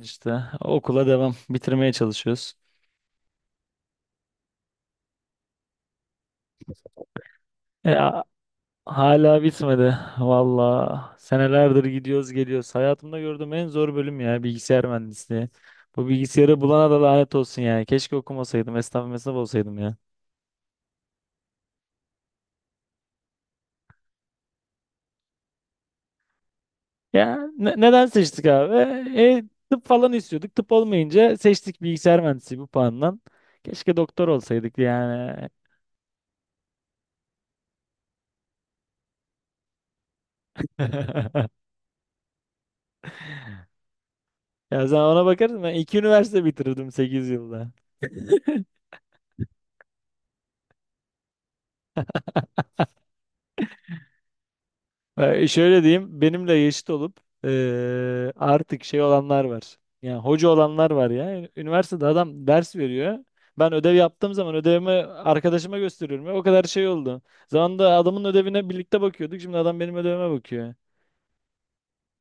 İşte okula devam. Bitirmeye çalışıyoruz. E, a- Hala bitmedi. Valla senelerdir gidiyoruz geliyoruz. Hayatımda gördüğüm en zor bölüm ya bilgisayar mühendisliği. Bu bilgisayarı bulana da lanet olsun yani. Keşke okumasaydım. Esnaf mesnaf olsaydım ya. Ya neden seçtik abi? E, Tıp falan istiyorduk. Tıp olmayınca seçtik bilgisayar mühendisliği bu puandan. Keşke doktor olsaydık yani. Ya sen ona bakarsın, ben iki üniversite bitirdim 8 yılda. Şöyle diyeyim, benimle eşit olup artık şey olanlar var. Yani hoca olanlar var ya. Üniversitede adam ders veriyor. Ben ödev yaptığım zaman ödevimi arkadaşıma gösteriyorum ya. O kadar şey oldu. Zamanında adamın ödevine birlikte bakıyorduk. Şimdi adam benim ödevime bakıyor.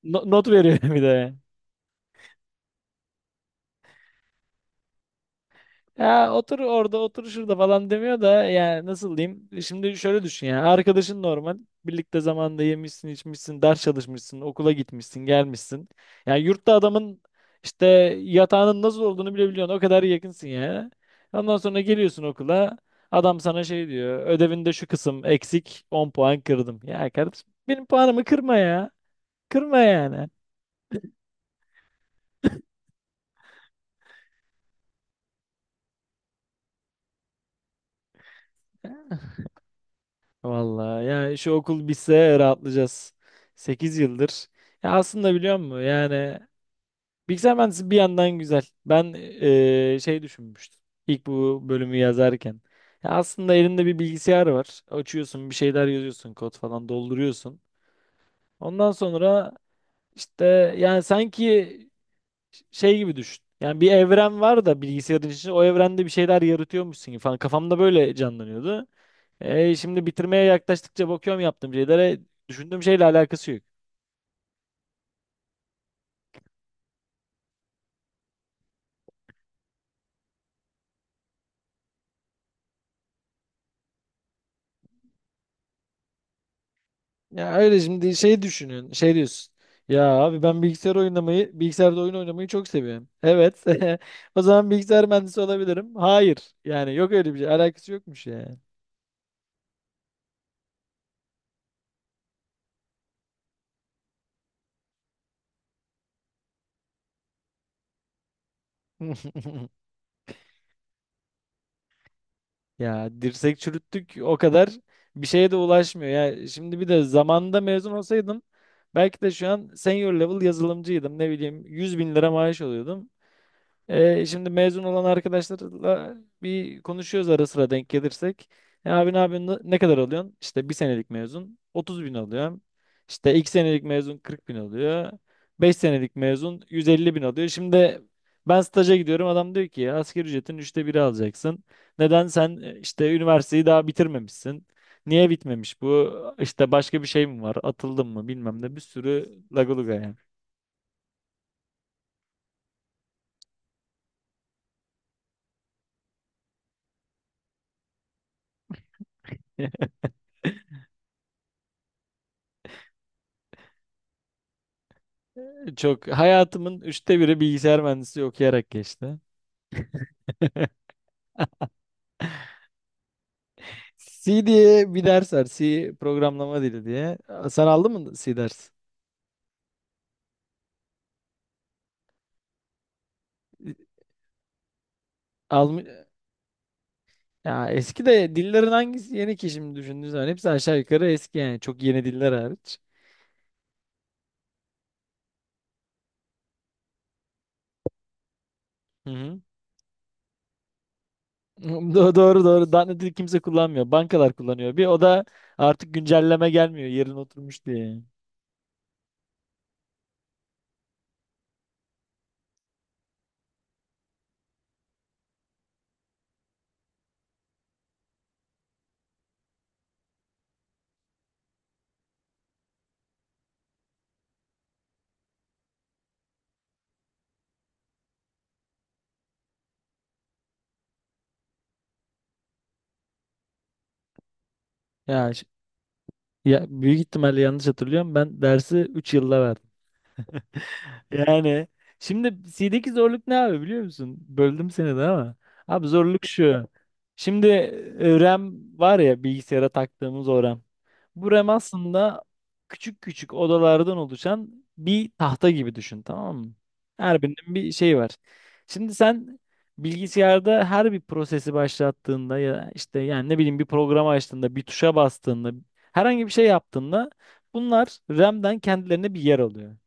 Not veriyor bir de. Ya otur orada otur şurada falan demiyor da yani nasıl diyeyim? Şimdi şöyle düşün, yani arkadaşın normal birlikte zamanda yemişsin içmişsin, ders çalışmışsın, okula gitmişsin gelmişsin. Yani yurtta adamın işte yatağının nasıl olduğunu bile biliyorsun, o kadar yakınsın ya. Ondan sonra geliyorsun okula, adam sana şey diyor, ödevinde şu kısım eksik, 10 puan kırdım. Ya kardeşim benim puanımı kırma ya, kırma yani. Vallahi yani şu okul bitse rahatlayacağız. 8 yıldır. Ya aslında biliyor musun? Yani bilgisayar mühendisliği bir yandan güzel. Ben şey düşünmüştüm. İlk bu bölümü yazarken. Ya aslında elinde bir bilgisayar var. Açıyorsun, bir şeyler yazıyorsun, kod falan dolduruyorsun. Ondan sonra işte yani sanki şey gibi düşün. Yani bir evren var da bilgisayarın içinde, o evrende bir şeyler yaratıyormuşsun gibi falan. Kafamda böyle canlanıyordu. Şimdi bitirmeye yaklaştıkça bakıyorum yaptığım şeylere, düşündüğüm şeyle alakası yok. Ya öyle şimdi şey düşünün. Şey diyorsun. Ya abi ben bilgisayar oynamayı, bilgisayarda oyun oynamayı çok seviyorum. Evet. O zaman bilgisayar mühendisi olabilirim. Hayır. Yani yok öyle bir şey. Alakası yokmuş ya. Ya dirsek çürüttük o kadar, bir şeye de ulaşmıyor. Ya şimdi bir de zamanında mezun olsaydım belki de şu an senior level yazılımcıydım. Ne bileyim 100.000 lira maaş alıyordum. Şimdi mezun olan arkadaşlarla bir konuşuyoruz ara sıra denk gelirsek. E, abi ne yapıyorsun? Ne kadar alıyorsun? İşte bir senelik mezun 30 bin alıyorum. İşte iki senelik mezun 40 bin alıyor. 5 senelik mezun 150 bin alıyor. Şimdi ben staja gidiyorum. Adam diyor ki asgari ücretin üçte biri alacaksın. Neden sen e, işte üniversiteyi daha bitirmemişsin? Niye bitmemiş bu? İşte başka bir şey mi var? Atıldın mı? Bilmem ne. Bir sürü lagaluga yani. Çok hayatımın üçte biri bilgisayar mühendisliği okuyarak geçti. C diye bir ders var. C programlama dili diye. Sen aldın mı C ders? Almış. Ya eski de dillerin hangisi yeni ki şimdi düşündüğün zaman? Hepsi aşağı yukarı eski yani, çok yeni diller hariç. Hı hı. Doğru doğru. Daha ne dil kimse kullanmıyor. Bankalar kullanıyor. Bir o da artık güncelleme gelmiyor, yerine oturmuş diye. Ya, ş- Ya büyük ihtimalle yanlış hatırlıyorum. Ben dersi 3 yılda verdim. Yani şimdi C'deki zorluk ne abi biliyor musun? Böldüm seni de ama. Abi zorluk şu. Şimdi RAM var ya, bilgisayara taktığımız o RAM. Bu RAM aslında küçük küçük odalardan oluşan bir tahta gibi düşün, tamam mı? Her birinin bir şey var. Şimdi sen bilgisayarda her bir prosesi başlattığında ya işte yani ne bileyim bir programı açtığında, bir tuşa bastığında, herhangi bir şey yaptığında bunlar RAM'den kendilerine bir yer alıyor.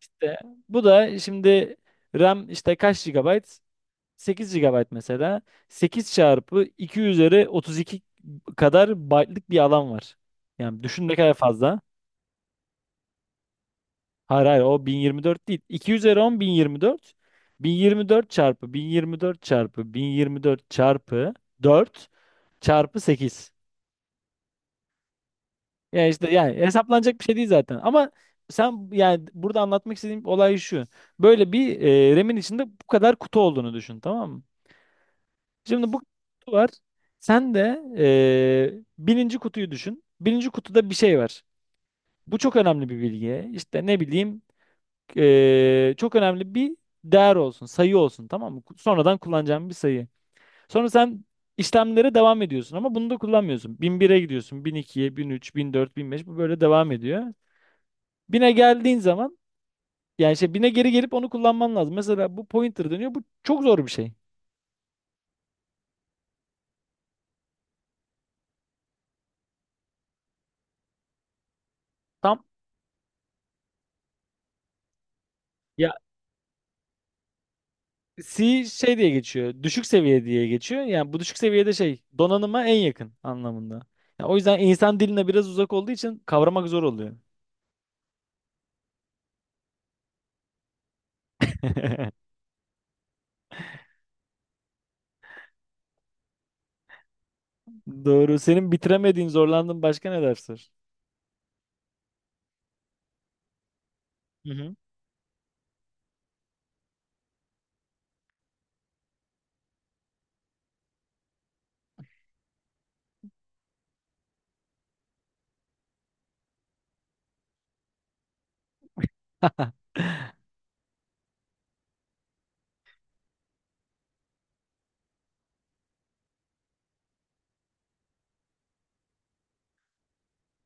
İşte bu da şimdi RAM işte kaç GB? 8 GB mesela. 8 çarpı 2 üzeri 32 kadar byte'lık bir alan var. Yani düşün ne kadar fazla. Hayır hayır, o 1024 değil. 2 üzeri 10 1024. 1024 çarpı 1024 çarpı 1024 çarpı 4 çarpı 8. Yani işte yani hesaplanacak bir şey değil zaten. Ama sen yani burada anlatmak istediğim olay şu. Böyle bir RAM'in içinde bu kadar kutu olduğunu düşün, tamam mı? Şimdi bu kutu var. Sen de birinci kutuyu düşün. Birinci kutuda bir şey var. Bu çok önemli bir bilgi. İşte ne bileyim çok önemli bir değer olsun, sayı olsun, tamam mı? Sonradan kullanacağım bir sayı. Sonra sen işlemlere devam ediyorsun ama bunu da kullanmıyorsun. Bin bire gidiyorsun, bin bin ikiye, bin üç, bin dört, bin beş, bu böyle devam ediyor. Bine geldiğin zaman yani şey bine geri gelip onu kullanman lazım. Mesela bu pointer dönüyor. Bu çok zor bir şey. Tam. C şey diye geçiyor. Düşük seviye diye geçiyor. Yani bu düşük seviyede şey, donanıma en yakın anlamında. Yani o yüzden insan diline biraz uzak olduğu için kavramak zor oluyor. Doğru. Senin bitiremediğin, zorlandığın başka ne dersler? Hı hı.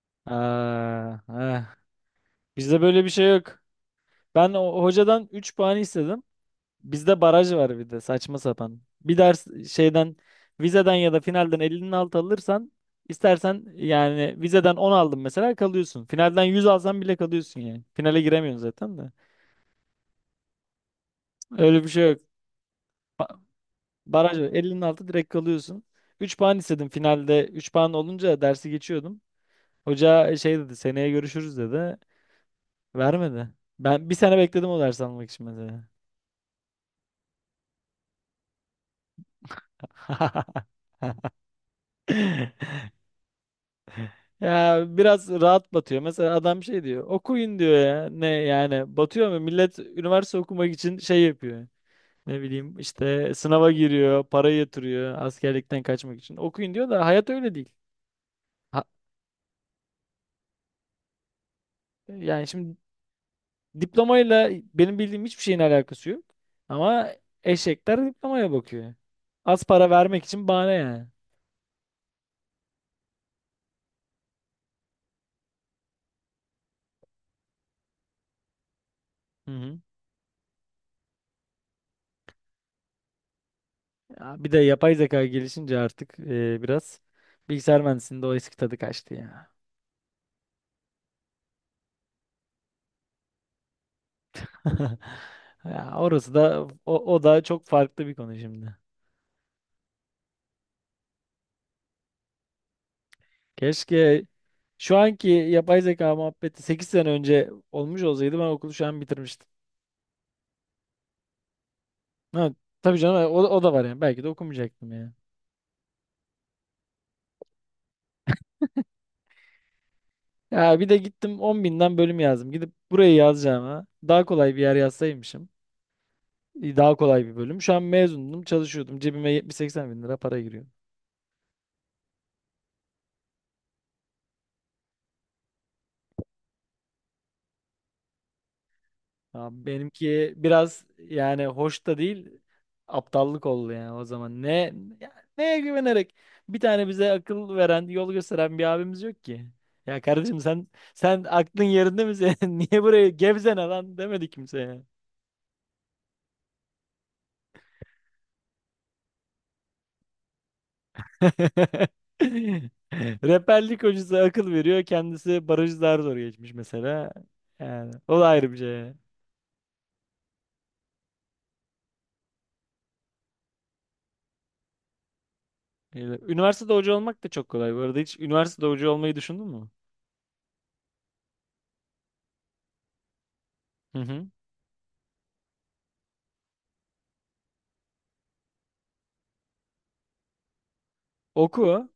Aa, eh. Bizde böyle bir şey yok. Ben o hocadan 3 puan istedim. Bizde baraj var bir de, saçma sapan. Bir ders şeyden, vizeden ya da finalden 50'nin altı alırsan, istersen yani vizeden 10 aldın mesela, kalıyorsun. Finalden 100 alsan bile kalıyorsun yani. Finale giremiyorsun zaten de. Öyle bir şey yok. Ba- Baraj var. 50'nin altı direkt kalıyorsun. 3 puan istedim finalde, 3 puan olunca dersi geçiyordum. Hoca şey dedi, seneye görüşürüz dedi. Vermedi. Ben bir sene bekledim o dersi almak için mesela. Ya biraz rahat batıyor. Mesela adam şey diyor, okuyun diyor ya. Ne yani batıyor mu? Millet üniversite okumak için şey yapıyor. Ne bileyim işte sınava giriyor, para yatırıyor askerlikten kaçmak için. Okuyun diyor da hayat öyle değil. Ha- Yani şimdi diplomayla benim bildiğim hiçbir şeyin alakası yok. Ama eşekler diplomaya bakıyor. Az para vermek için bahane yani. Hı hı. Ya bir de yapay zeka gelişince artık biraz bilgisayar mühendisliğinde o eski tadı kaçtı ya. Ya orası da, o, o da çok farklı bir konu şimdi. Keşke şu anki yapay zeka muhabbeti 8 sene önce olmuş olsaydı, ben okulu şu an bitirmiştim. Ha, tabii canım, o, o da var yani. Belki de okumayacaktım yani. Ya bir de gittim 10.000'den bölüm yazdım. Gidip burayı yazacağıma daha kolay bir yer yazsaymışım. İyi, daha kolay bir bölüm. Şu an mezundum, çalışıyordum. Cebime 70-80 bin lira para giriyor. Ya benimki biraz yani hoş da değil, aptallık oldu yani o zaman. Ne ya, neye güvenerek? Bir tane bize akıl veren, yol gösteren bir abimiz yok ki. Ya kardeşim sen, sen aklın yerinde mi senin? Niye buraya gevzene lan demedi kimseye. Rehberlik hocası akıl veriyor. Kendisi barajı daha zor geçmiş mesela. Yani o da ayrı bir şey. Öyle. Üniversitede hoca olmak da çok kolay. Bu arada hiç üniversitede hoca olmayı düşündün mü? Hı hı. Oku.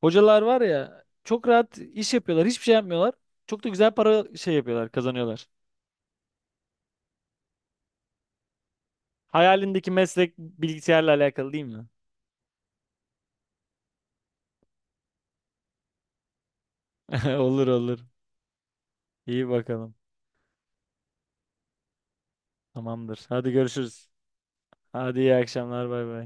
Hocalar var ya, çok rahat iş yapıyorlar. Hiçbir şey yapmıyorlar. Çok da güzel para şey yapıyorlar, kazanıyorlar. Hayalindeki meslek bilgisayarla alakalı değil mi? Olur olur. İyi bakalım. Tamamdır. Hadi görüşürüz. Hadi iyi akşamlar. Bay bay.